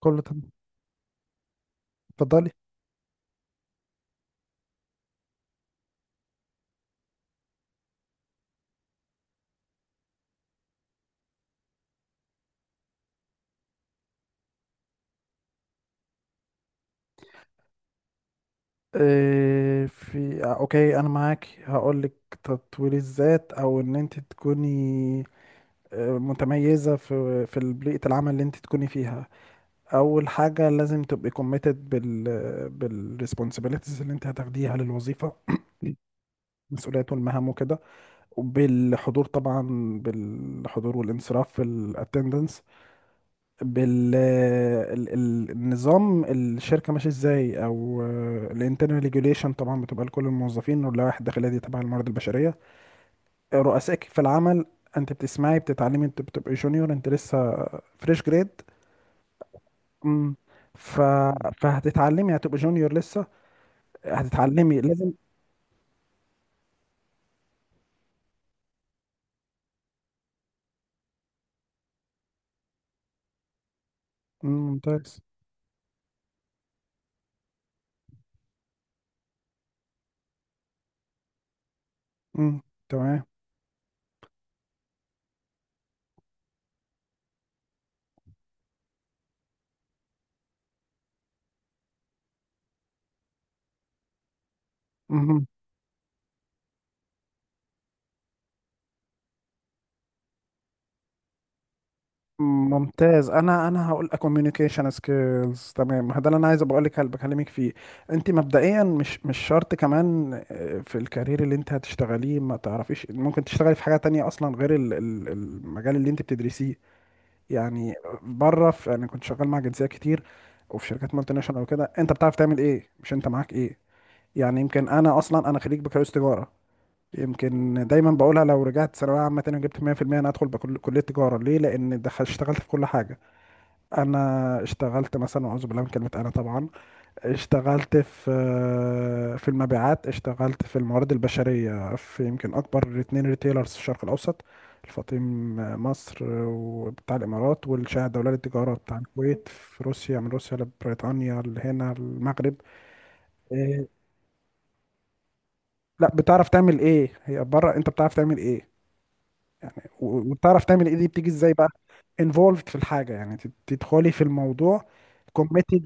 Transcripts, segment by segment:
كله تمام. اتفضلي. إيه في آه، اوكي انا معاك هقول لك. تطوير الذات او ان انت تكوني متميزه في بيئه العمل اللي انت تكوني فيها. اول حاجه لازم تبقي كوميتد بالريسبونسابيلتيز اللي انت هتاخديها للوظيفه، المسؤوليات والمهام وكده، وبالحضور طبعا، بالحضور والانصراف في الاتندنس، بالنظام الشركة ماشي ازاي، او الانترنال ريجوليشن طبعا بتبقى لكل الموظفين، واللوائح الداخلية دي تبع الموارد البشرية. رؤسائك في العمل، انت بتسمعي بتتعلمي، انت بتبقي جونيور، انت لسه فريش جريد. امم ف... فهتتعلمي، هتبقى جونيور لسه، هتتعلمي لازم. مم، ممتاز. امم، تمام. ممتاز. انا هقول لك communication skills. تمام، ما ده اللي انا عايز ابقى لك بكلمك فيه. انت مبدئيا مش شرط كمان، في الكارير اللي انت هتشتغليه، ما تعرفيش ممكن تشتغلي في حاجه تانية اصلا غير المجال اللي انت بتدرسيه يعني. بره، انا كنت شغال مع جنسيات كتير وفي شركات مالتي ناشونال وكده. انت بتعرف تعمل ايه، مش انت معاك ايه. يعني يمكن انا اصلا، انا خريج بكالوريوس تجاره. يمكن دايما بقولها، لو رجعت ثانويه عامه تاني وجبت 100% انا ادخل بكل كليه تجاره، ليه؟ لان دخل اشتغلت في كل حاجه. انا اشتغلت مثلا، اعوذ بالله من كلمه انا طبعا، اشتغلت في المبيعات، اشتغلت في الموارد البشريه، في يمكن اكبر اتنين ريتيلرز في الشرق الاوسط، الفاطم مصر وبتاع الامارات، والشاهد الدولي للتجاره بتاع الكويت، في روسيا، من روسيا لبريطانيا لهنا المغرب. إيه، لا، بتعرف تعمل ايه هي بره، انت بتعرف تعمل ايه. وبتعرف تعمل ايه دي بتيجي ازاي بقى. involved في الحاجه، يعني تدخلي في الموضوع. committed.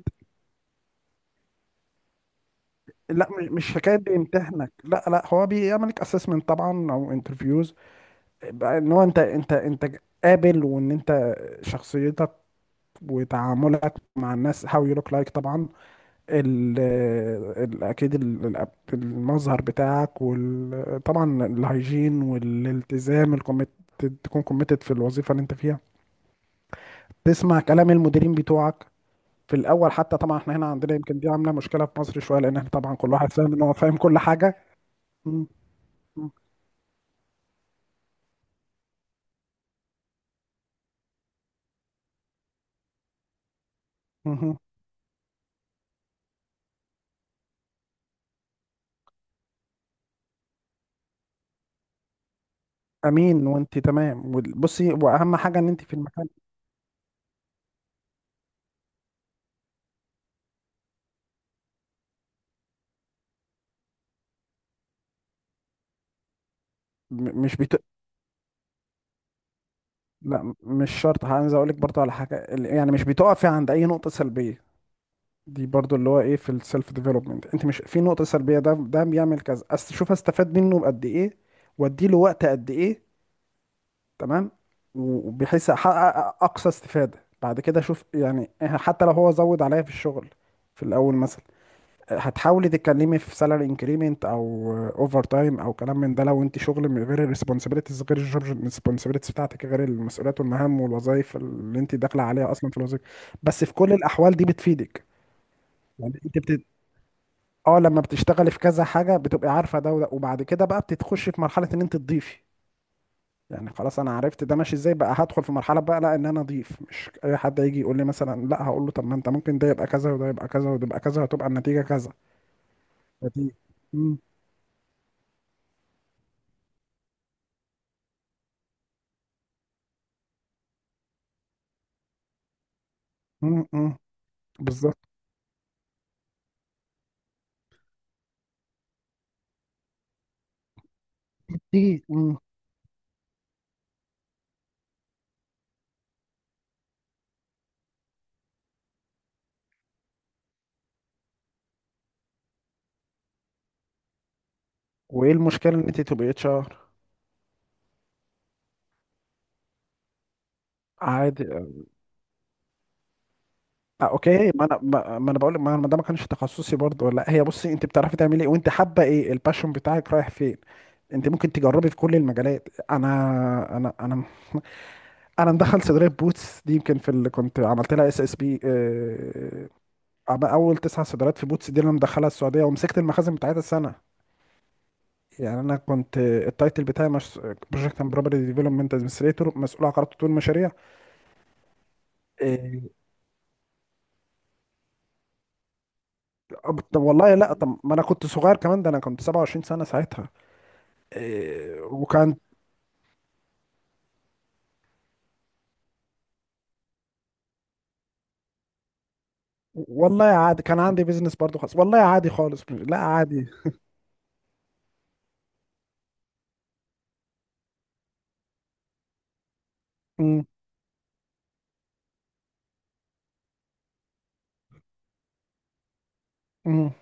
لا، مش حكايه بيمتحنك، لا لا، هو بيعملك اسسمنت طبعا، او انترفيوز، بقى ان هو انت قابل، وان انت شخصيتك وتعاملك مع الناس، how you look like طبعا. ال ال اكيد ال- ال- المظهر بتاعك، وطبعا الهيجين والالتزام الكوميت، تكون كوميتد في الوظيفه اللي انت فيها. تسمع كلام المديرين بتوعك في الاول حتى، طبعا احنا هنا عندنا يمكن دي عامله مشكله في مصر شويه، لان احنا طبعا كل واحد فاهم ان هو فاهم كل حاجه. مم. مهم. امين. وانت تمام، بصي، واهم حاجه ان انت في المكان. م- مش بت... لا، مش شرط، عايز اقول لك برضه على حاجه، يعني مش بتقفي عند اي نقطه سلبيه. دي برضه اللي هو ايه، في السيلف ديفلوبمنت انت مش في نقطه سلبيه، ده ده بيعمل كذا. شوف استفاد منه بقد ايه، وادي له وقت قد ايه، تمام، وبحيث احقق اقصى استفاده. بعد كده شوف يعني حتى لو هو زود عليا في الشغل في الاول مثلا، هتحاولي تتكلمي في سالاري انكريمنت او اوفر تايم او كلام من ده، لو انت شغل من غير الريسبونسابيلتيز، غير الجوب الريسبونسابيلتيز بتاعتك، غير المسؤوليات والمهام والوظائف اللي انت داخله عليها اصلا في الوظيفه. بس في كل الاحوال دي بتفيدك. يعني انت بت... اه، لما بتشتغلي في كذا حاجه بتبقي عارفه ده وده، وبعد كده بقى بتتخشي في مرحله ان انت تضيفي. يعني خلاص، انا عرفت ده ماشي ازاي، بقى هدخل في مرحله بقى، لا ان انا اضيف، مش اي حد يجي يقول لي مثلا، لا، هقول له طب ما انت ممكن ده يبقى كذا، وده يبقى كذا، وده يبقى كذا، وتبقى النتيجه كذا. نتيجه. امم. امم. بالظبط. دي مم. وايه المشكله ان انت تبقي اتش ار؟ عادي. اوكي، ما انا ما ما انا بقول، ما ما ده ما كانش تخصصي برضه، ولا هي، بصي، انت بتعرفي تعملي ايه، وانت حابه ايه، الباشون بتاعك رايح فين. انت ممكن تجربي في كل المجالات. انا مدخل صيدليه بوتس دي، يمكن في اللي كنت عملت لها اس اس بي، اول تسع صيدليات في بوتس دي اللي انا مدخلها السعوديه، ومسكت المخازن بتاعتها السنه. يعني انا كنت التايتل بتاعي مش بروجكت اند بروبرتي ديفلوبمنت ادمنستريتور، مسؤول عن قرارات تطوير المشاريع. آه، طب والله لا، طب ما انا كنت صغير كمان، ده انا كنت 27 سنة ساعتها. إيه وكان، والله عادي، كان عندي بيزنس برضو خالص. والله عادي خالص، لا عادي. امم. امم.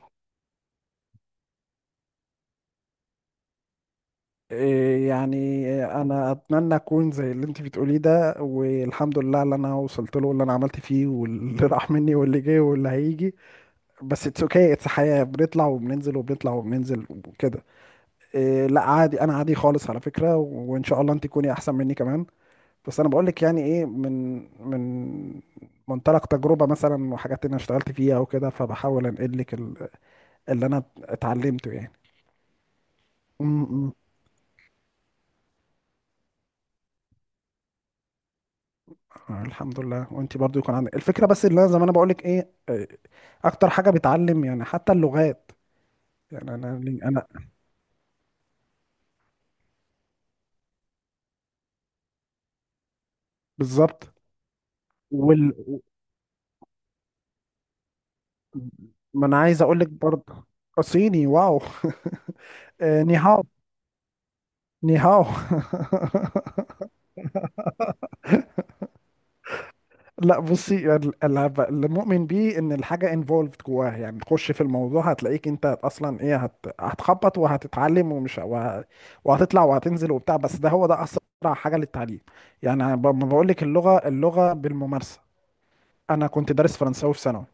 إيه يعني انا اتمنى اكون زي اللي انت بتقوليه ده، والحمد لله اللي انا وصلت له، واللي انا عملت فيه، واللي راح مني، واللي جه، واللي هيجي. بس اتس اوكي، اتس حياة، بنطلع وبننزل وبنطلع وبننزل وكده. إيه لا عادي، انا عادي خالص على فكرة، وان شاء الله انت تكوني احسن مني كمان. بس انا بقول لك يعني ايه، من من منطلق تجربه مثلا، وحاجات انا اشتغلت فيها وكده، فبحاول انقل لك اللي انا اتعلمته يعني. امم. الحمد لله. وانت برضو يكون عندك الفكره. بس اللي انا زي ما انا بقول لك ايه، اكتر حاجه بتعلم يعني حتى اللغات يعني. انا انا بالظبط. وال ما انا عايز اقول لك برضه. صيني، واو نيهاو. نيهاو لا بصي، اللي مؤمن بيه ان الحاجه انفولفد جواها، يعني تخش في الموضوع، هتلاقيك انت اصلا ايه، هتخبط وهتتعلم، وهتطلع وهتنزل وبتاع، بس ده هو ده اسرع حاجه للتعليم. يعني أنا ما بقول لك، اللغه اللغه بالممارسه. انا كنت دارس فرنساوي في ثانوي،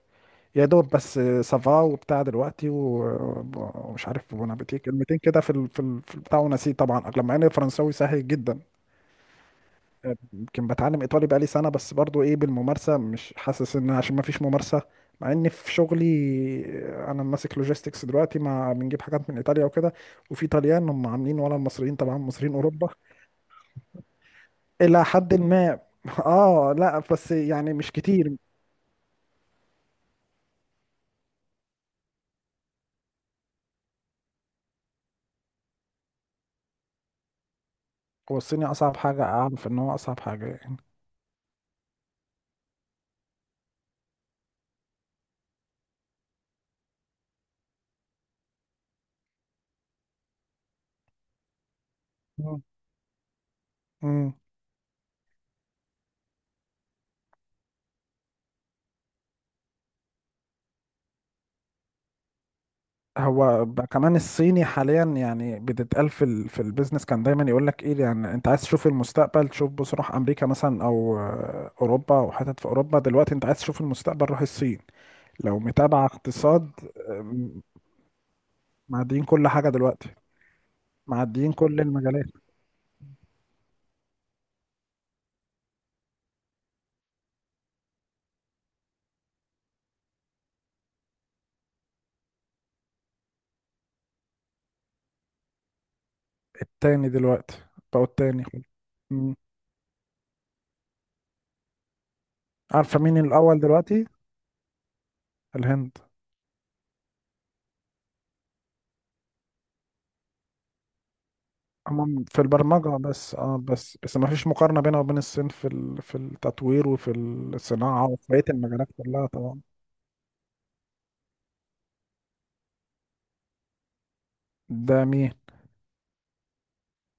يا دوب بس، سافا وبتاع دلوقتي، ومش عارف بونابتيه، كلمتين كده في البتاع، ونسيت طبعا، لما ان الفرنساوي سهل جدا. يمكن بتعلم ايطالي بقالي سنه، بس برضو ايه بالممارسه، مش حاسس ان عشان ما فيش ممارسه، مع ان في شغلي انا ماسك لوجيستكس دلوقتي، ما بنجيب حاجات من ايطاليا وكده، وفي طليان هم عاملين، ولا المصريين طبعا، مصريين اوروبا الى حد ما. اه لا، بس يعني مش كتير. هو الصيني اصعب حاجه اعرف، ان هو اصعب حاجه يعني. مم. هو بقى كمان الصيني حاليا يعني بتتقال في البيزنس، كان دايما يقول لك ايه يعني، انت عايز تشوف المستقبل، تشوف بص روح امريكا مثلا، او اوروبا، او حتت في اوروبا. دلوقتي انت عايز تشوف المستقبل، روح الصين. لو متابع اقتصاد. آم، معديين كل حاجة دلوقتي، معديين كل المجالات. التاني دلوقتي، بقوا التاني. مم. عارفة مين الاول دلوقتي؟ الهند. هم في البرمجة بس، اه بس ما فيش مقارنة بينها وبين الصين في التطوير، وفي الصناعة، وفي بقية المجالات كلها طبعا. ده مين؟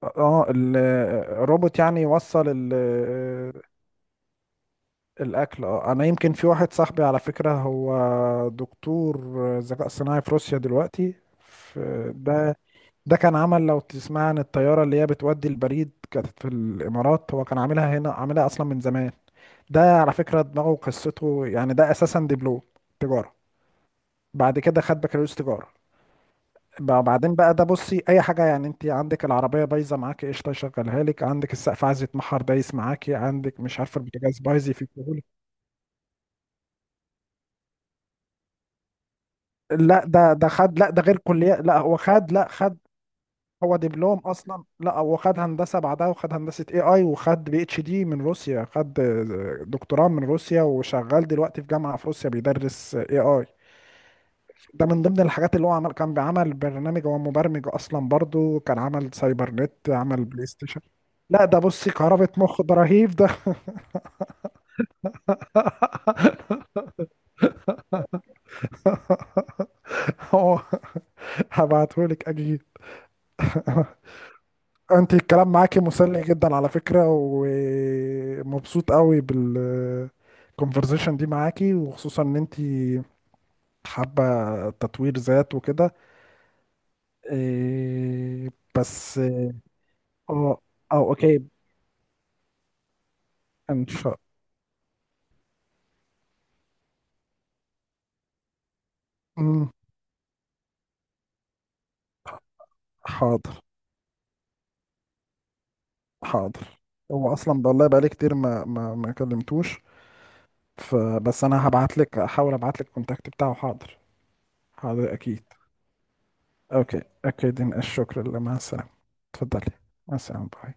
اه الروبوت، يعني يوصل الأكل؟ اه أنا يمكن في واحد صاحبي على فكرة، هو دكتور ذكاء صناعي في روسيا دلوقتي. ده ده كان عمل، لو تسمع عن الطيارة اللي هي بتودي البريد كانت في الإمارات، هو كان عاملها هنا، عاملها أصلا من زمان. ده على فكرة دماغه وقصته، يعني ده أساسا دبلوم تجارة، بعد كده خد بكالوريوس تجارة، بعدين بقى ده، بصي أي حاجة يعني، أنت عندك العربية بايظة معاكي قشطة يشغلها لك، عندك السقف عايز يتمحر دايس معاكي، عندك مش عارفة البوتاجاز بايظ يفكهولك. لا ده خد، لا ده غير كلية، لا هو خد، لا خد، هو دبلوم اصلا، لا هو خد هندسه بعدها، وخد هندسه اي اي، وخد بي اتش دي من روسيا، خد دكتوراه من روسيا، وشغال دلوقتي في جامعه في روسيا بيدرس اي اي. ده من ضمن الحاجات اللي هو عمل، كان بيعمل برنامج، هو مبرمج اصلا برضو، كان عمل سايبر نت، عمل بلاي ستيشن. لا ده بصي كهربة مخ، ده رهيب ده. هو هبعتهولك اكيد. انت الكلام معاكي مسلي جدا على فكرة، ومبسوط قوي بالكونفرزيشن دي معاكي، وخصوصا ان انت حابة تطوير ذات وكده. إيه. بس اه. اه. اوكي. ان شاء. مم، حاضر. حاضر. هو اصلا والله بقالي كتير ما ما ما كلمتوش. فبس انا هبعت لك، احاول ابعت لك الكونتاكت بتاعه. حاضر. حاضر اكيد. اوكي اكيد، الشكر لله، مع السلامة. اتفضلي. مع السلامة، باي.